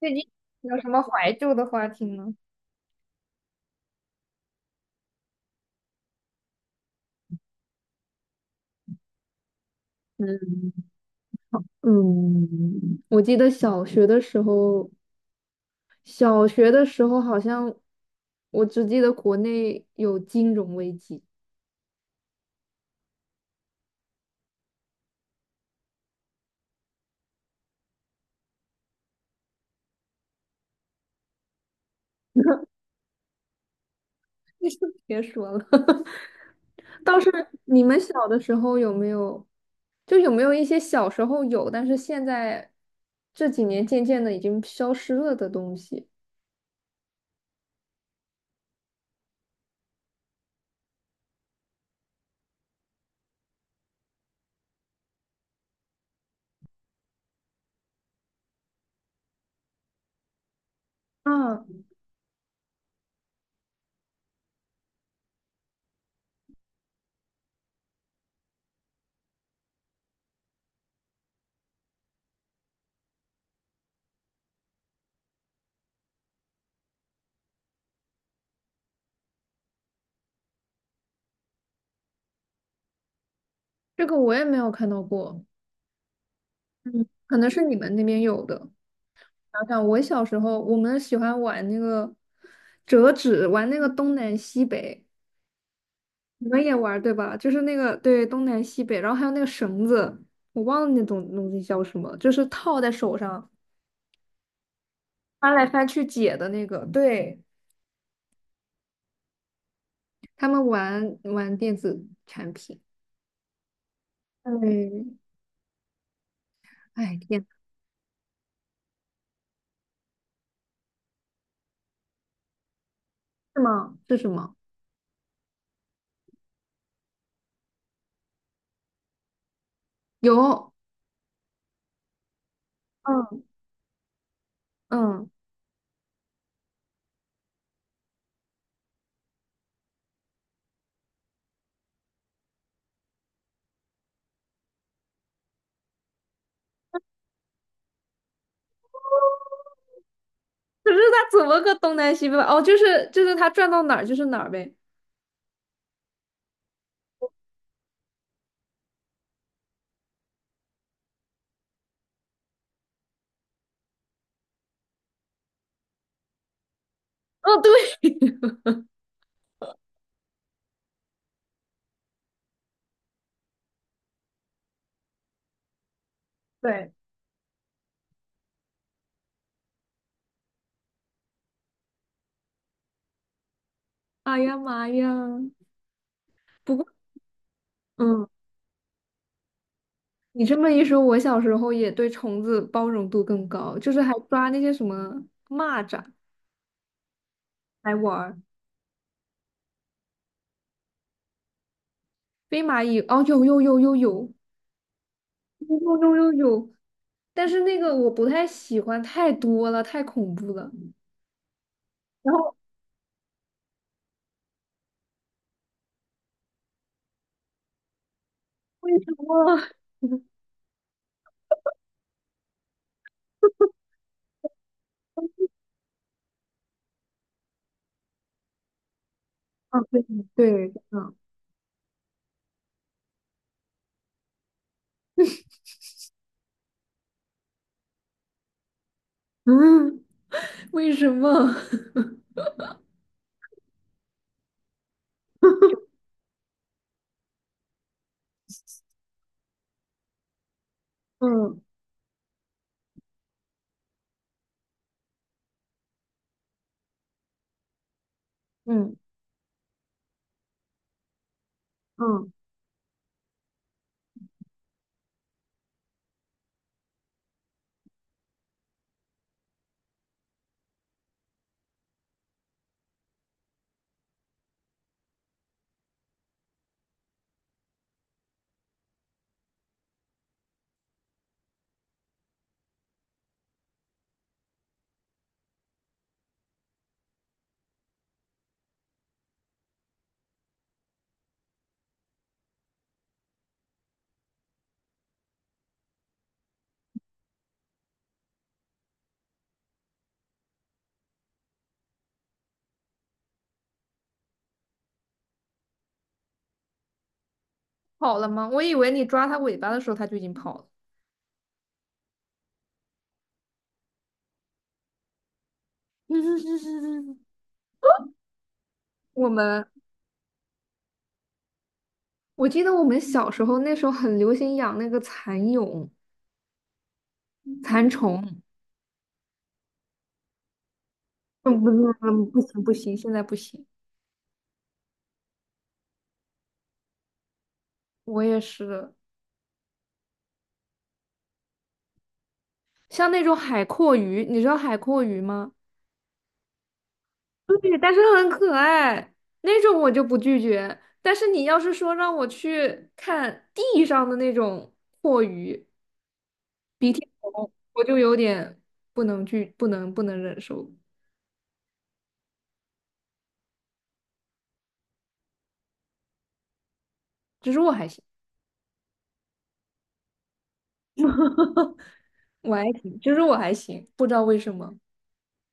最近有什么怀旧的话题吗？嗯嗯，我记得小学的时候，好像我只记得国内有金融危机。你就别说了，倒是你们小的时候有没有，有没有一些小时候有，但是现在这几年渐渐的已经消失了的东西？啊，这个我也没有看到过，嗯，可能是你们那边有的。想想，我小时候我们喜欢玩那个折纸，玩那个东南西北，你们也玩儿对吧？就是那个对东南西北，然后还有那个绳子，我忘了那种东西叫什么，就是套在手上翻来翻去解的那个。对，他们玩电子产品。嗯，哎，天，是吗？是什么？有，嗯嗯，可是他怎么个东南西北法哦，就是他转到哪儿就是哪儿呗。哦，对。对。哎呀妈呀！不过。嗯，你这么一说，我小时候也对虫子包容度更高，就是还抓那些什么蚂蚱来玩儿，飞蚂蚁，哦，有有有有有有有有有，但是那个我不太喜欢，太多了，太恐怖了。然后为什么？啊，对对，嗯，为什么？嗯嗯嗯，跑了吗？我以为你抓它尾巴的时候，它就已经跑了。我们。我记得我们小时候那时候很流行养那个蚕蛹、蚕虫，嗯，不，不行，现在不行。我也是，像那种海蛞蝓，你知道海蛞蝓吗？对，但是很可爱，那种我就不拒绝。但是你要是说让我去看地上的那种蛞鱼，鼻涕虫，我就有点不能拒，不能忍受。蜘蛛我还行，我还行，蜘蛛我还行，不知道为什么。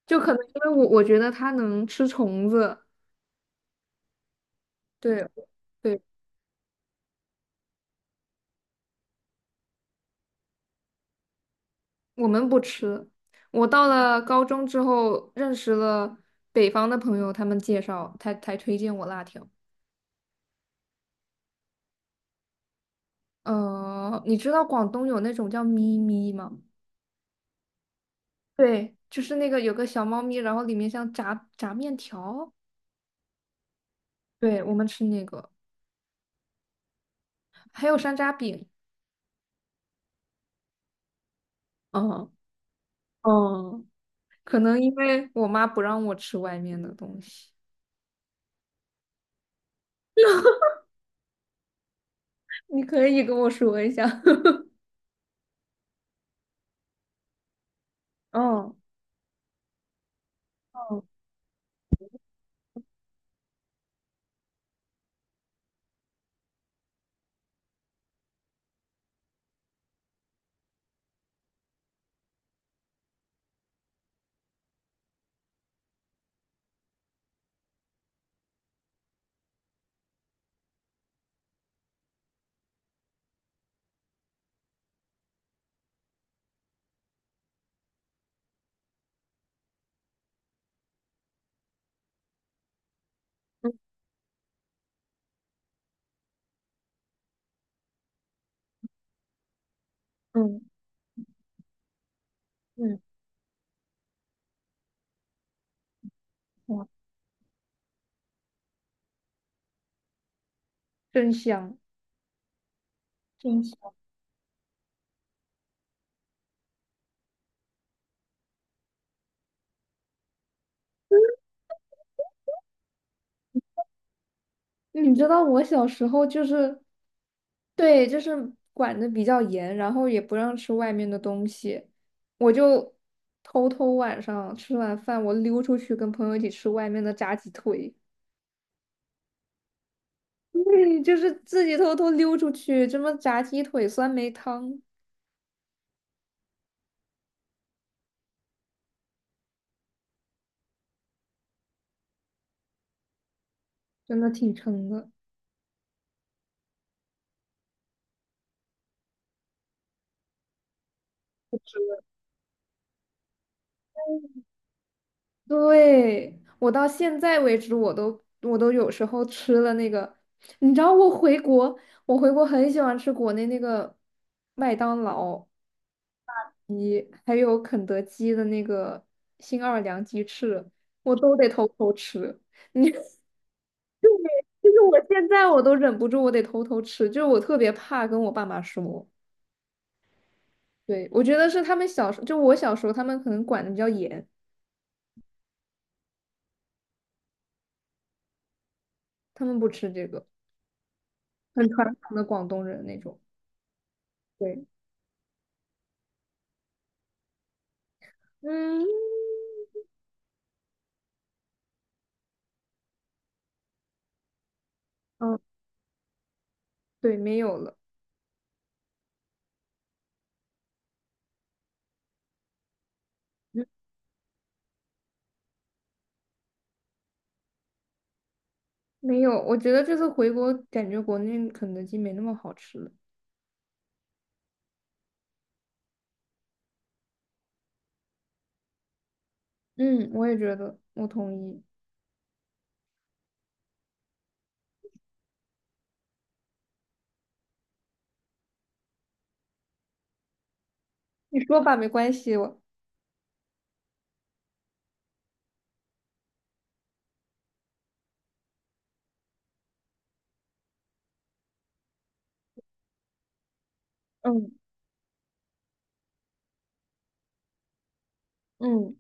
就可能因为我觉得它能吃虫子，对对，我们不吃。我到了高中之后，认识了北方的朋友，他们介绍才推荐我辣条。你知道广东有那种叫咪咪吗？对，就是那个有个小猫咪，然后里面像炸面条，对，我们吃那个，还有山楂饼。嗯嗯，可能因为我妈不让我吃外面的东西。你可以跟我说一下。嗯。嗯嗯嗯，哇，真香！真香。你知道我小时候就是，对，就是管的比较严，然后也不让吃外面的东西，我就偷偷晚上吃完饭，我溜出去跟朋友一起吃外面的炸鸡腿，对，就是自己偷偷溜出去，这么炸鸡腿、酸梅汤，真的挺撑的。对，我到现在为止，我都有时候吃了那个，你知道我回国，我回国很喜欢吃国内那个麦当劳，还有肯德基的那个新奥尔良鸡翅，我都得偷偷吃。就是我现在我都忍不住，我得偷偷吃，就是我特别怕跟我爸妈说。对，我觉得是他们小时候，就我小时候，他们可能管的比较严，他们不吃这个，很传统的广东人那种。对，嗯。对，没有了，嗯没有。我觉得这次回国，感觉国内肯德基没那么好吃了。嗯，我也觉得，我同意。你说吧，没关系。我，嗯嗯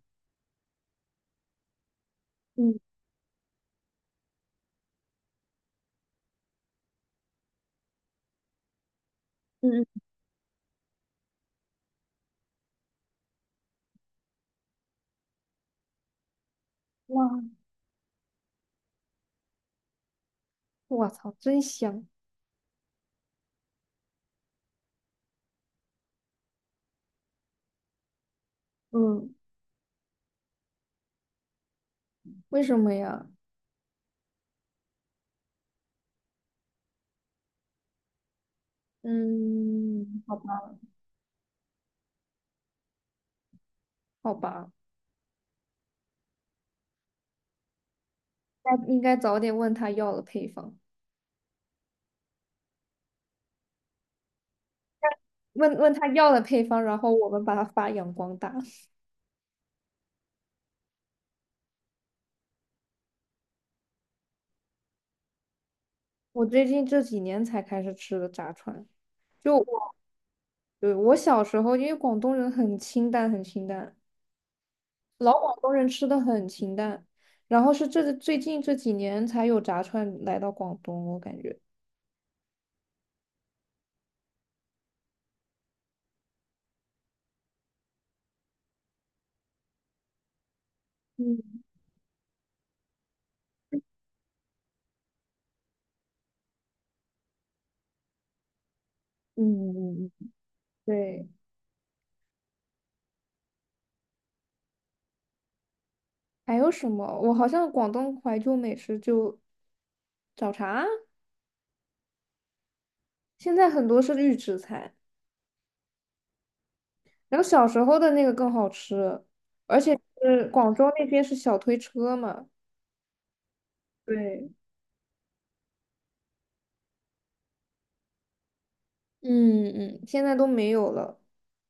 嗯嗯，哇，我操，真香。嗯，为什么呀？嗯，好吧，好吧，那应该早点问他要了配方，问问他要了配方，然后我们把它发扬光大。我最近这几年才开始吃的炸串，就我。对，我小时候，因为广东人很清淡，很清淡，老广东人吃的很清淡，然后是这最近这几年才有炸串来到广东，我感觉。嗯嗯嗯嗯，对，还有什么？我好像广东怀旧美食就早茶，现在很多是预制菜，然后小时候的那个更好吃，而且是广州那边是小推车嘛，对，嗯，现在都没有了。